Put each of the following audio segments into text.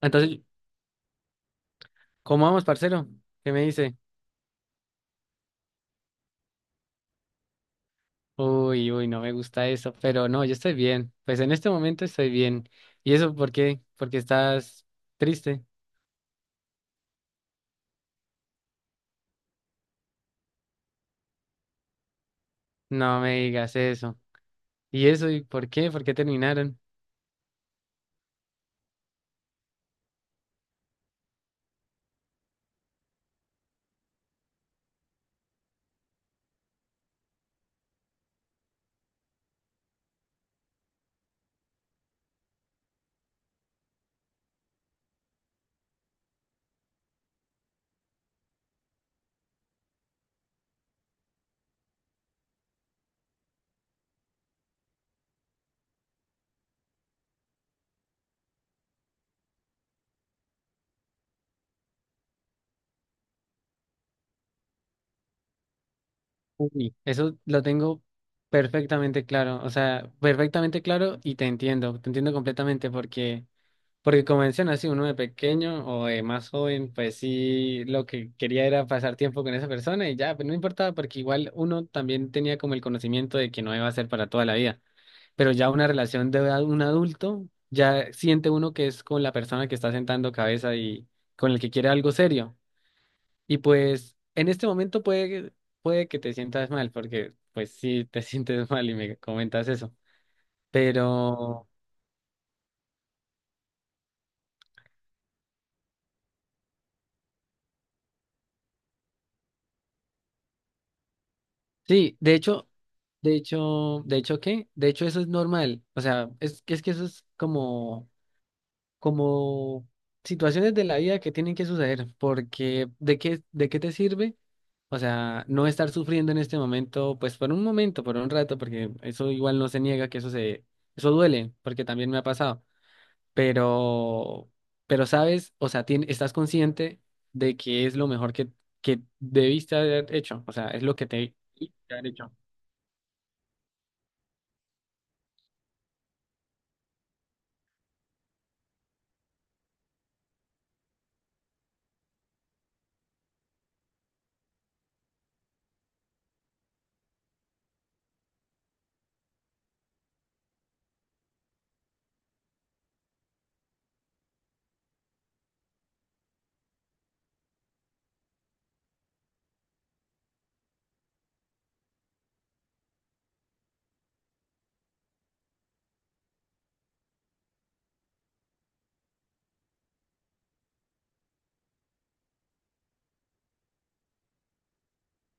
Entonces, ¿cómo vamos, parcero? ¿Qué me dice? Uy, uy, no me gusta eso, pero no, yo estoy bien. Pues en este momento estoy bien. ¿Y eso por qué? Porque estás triste. No me digas eso. ¿Y eso y por qué? ¿Por qué terminaron? Uy, eso lo tengo perfectamente claro. O sea, perfectamente claro y te entiendo. Te entiendo completamente porque como mencionas, si uno de pequeño o de más joven, pues sí, lo que quería era pasar tiempo con esa persona y ya, pues no importaba, porque igual uno también tenía como el conocimiento de que no iba a ser para toda la vida. Pero ya una un adulto, ya siente uno que es con la persona que está sentando cabeza y con el que quiere algo serio. Y pues en este momento puede que te sientas mal, porque pues sí te sientes mal y me comentas eso. Pero... Sí, de hecho, de hecho, ¿qué? De hecho, eso es normal. O sea, es que eso es como, como situaciones de la vida que tienen que suceder, porque ¿ de qué te sirve? O sea, no estar sufriendo en este momento, pues por un momento, por un rato, porque eso igual no se niega eso duele, porque también me ha pasado. Pero, pero sabes, o sea, estás consciente de que es lo mejor que debiste haber hecho. O sea, es lo que te debiste haber hecho.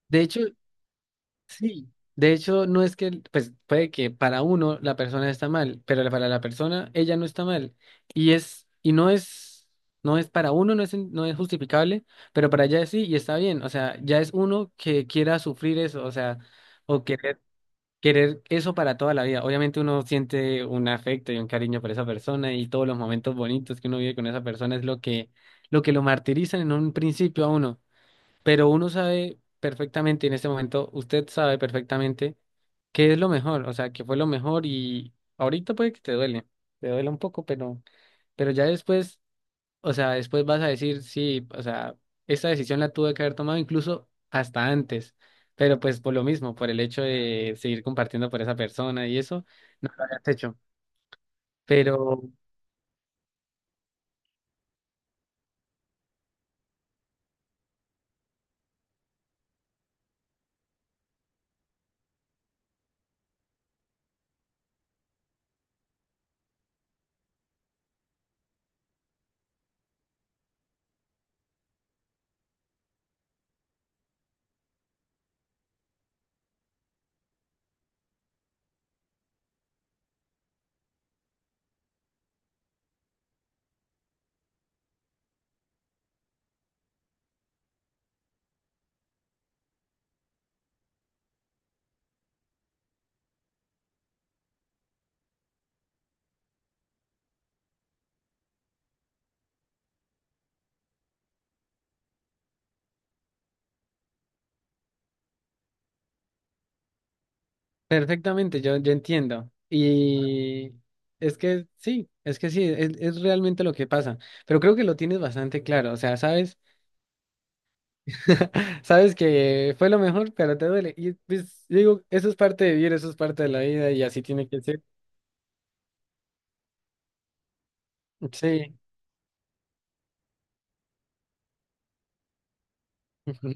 De hecho, sí. De hecho, no es que, pues puede que para uno la persona está mal, pero para la persona ella no está mal. Y es, y no es, no es para uno, no es justificable, pero para ella sí y está bien. O sea, ya es uno que quiera sufrir eso, o sea, o querer eso para toda la vida. Obviamente uno siente un afecto y un cariño por esa persona y todos los momentos bonitos que uno vive con esa persona es lo que lo que lo martirizan en un principio a uno. Pero uno sabe perfectamente en este momento, usted sabe perfectamente qué es lo mejor, o sea, qué fue lo mejor y ahorita puede que te duele un poco, pero ya después, o sea, después vas a decir, sí, o sea, esta decisión la tuve que haber tomado incluso hasta antes, pero pues por lo mismo, por el hecho de seguir compartiendo por esa persona y eso, has hecho. Pero perfectamente, yo entiendo. Y es que sí, es realmente lo que pasa. Pero creo que lo tienes bastante claro. O sea, sabes, sabes que fue lo mejor, pero te duele. Y pues digo, eso es parte de vivir, eso es parte de la vida y así tiene que ser. Sí. Ujú.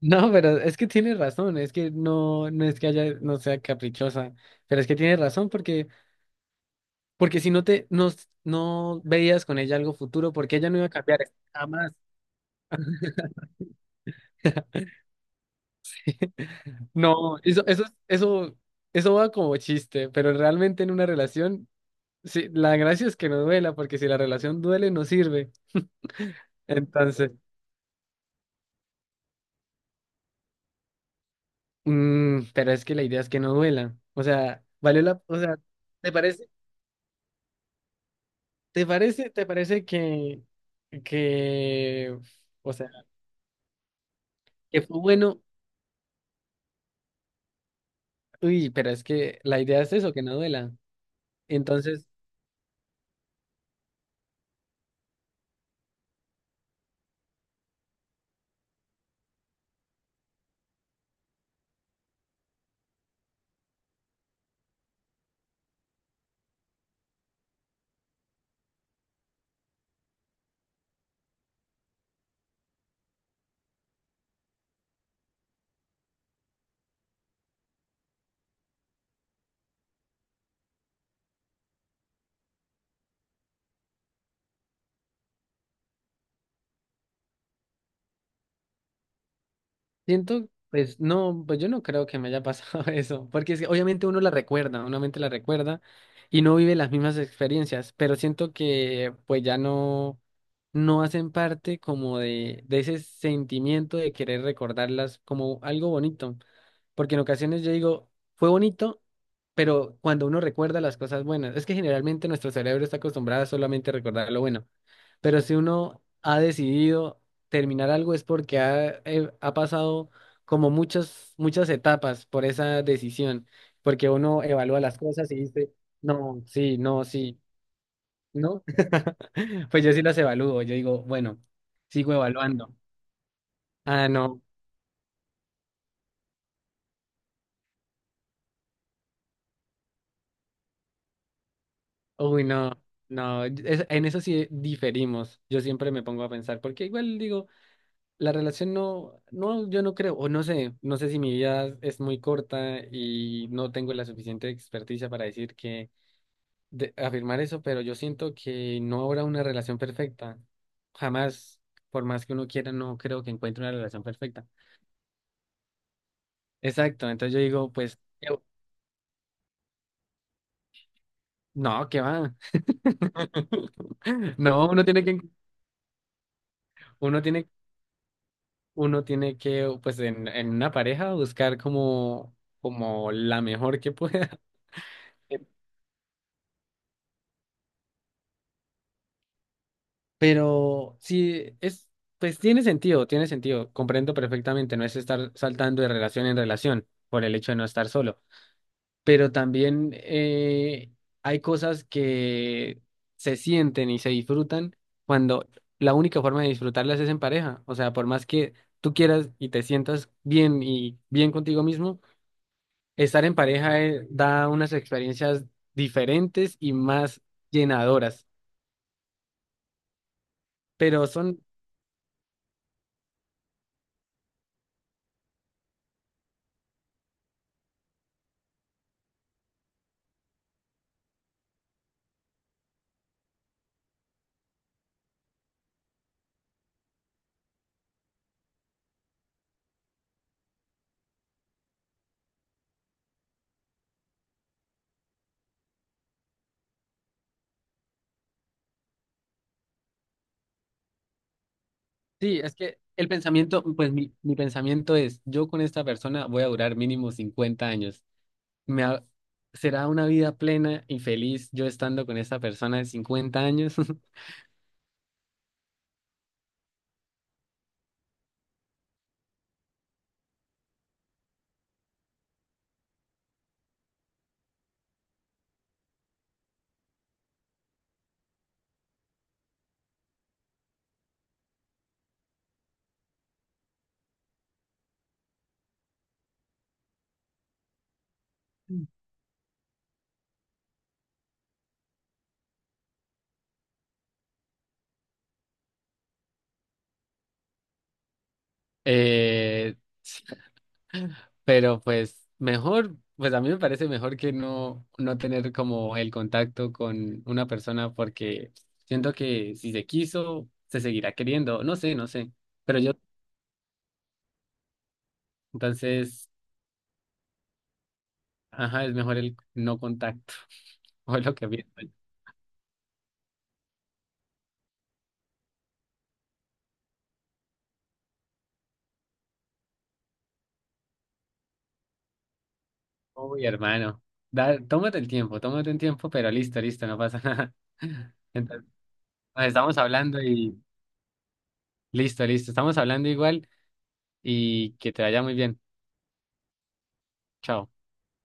No, pero es que tienes razón, es que no, no es que haya, no sea caprichosa, pero es que tienes razón porque, porque si no no veías con ella algo futuro, porque ella no iba a cambiar jamás. No, eso, eso va como chiste, pero realmente en una relación, sí, la gracia es que no duela, porque si la relación duele, no sirve. Entonces, pero es que la idea es que no duela. O sea, o sea, ¿te parece, te parece que o sea, que fue bueno? Uy, pero es que la idea es eso, que no duela. Entonces, siento, pues no, pues yo no creo que me haya pasado eso, porque es que obviamente uno la recuerda, uno mente la recuerda y no vive las mismas experiencias, pero siento que pues ya no, no hacen parte como de ese sentimiento de querer recordarlas como algo bonito, porque en ocasiones yo digo, fue bonito, pero cuando uno recuerda las cosas buenas, es que generalmente nuestro cerebro está acostumbrado a solamente recordar lo bueno. Pero si uno ha decidido terminar algo es porque ha, ha pasado como muchas etapas por esa decisión, porque uno evalúa las cosas y dice, no, sí, no, sí, no. Pues yo sí las evalúo, yo digo, bueno, sigo evaluando. Ah, no, uy, no, en eso sí diferimos. Yo siempre me pongo a pensar, porque igual digo, la relación yo no creo, o no sé, no sé si mi vida es muy corta y no tengo la suficiente experticia para decir que de afirmar eso, pero yo siento que no habrá una relación perfecta. Jamás, por más que uno quiera, no creo que encuentre una relación perfecta. Exacto, entonces yo digo, no, ¿qué va? No, uno tiene que, uno tiene, uno tiene que, pues, en una pareja buscar como, como la mejor que pueda. Pero sí, es, pues tiene sentido, comprendo perfectamente, no es estar saltando de relación en relación por el hecho de no estar solo. Pero también hay cosas que se sienten y se disfrutan cuando la única forma de disfrutarlas es en pareja. O sea, por más que tú quieras y te sientas bien y bien contigo mismo, estar en pareja da unas experiencias diferentes y más llenadoras. Pero son, sí, es que el pensamiento, pues mi pensamiento es, yo con esta persona voy a durar mínimo 50 años. me ha- Será una vida plena y feliz yo estando con esta persona de 50 años. Eh, pero pues mejor, pues a mí me parece mejor que no, no tener como el contacto con una persona porque siento que si se quiso, se seguirá queriendo. No sé, no sé. Pero yo, entonces, ajá, es mejor el no contacto. O es lo que pienso yo. Uy, hermano. Da, tómate el tiempo, pero listo, listo, no pasa nada. Entonces nos estamos hablando y listo, listo. Estamos hablando igual y que te vaya muy bien. Chao.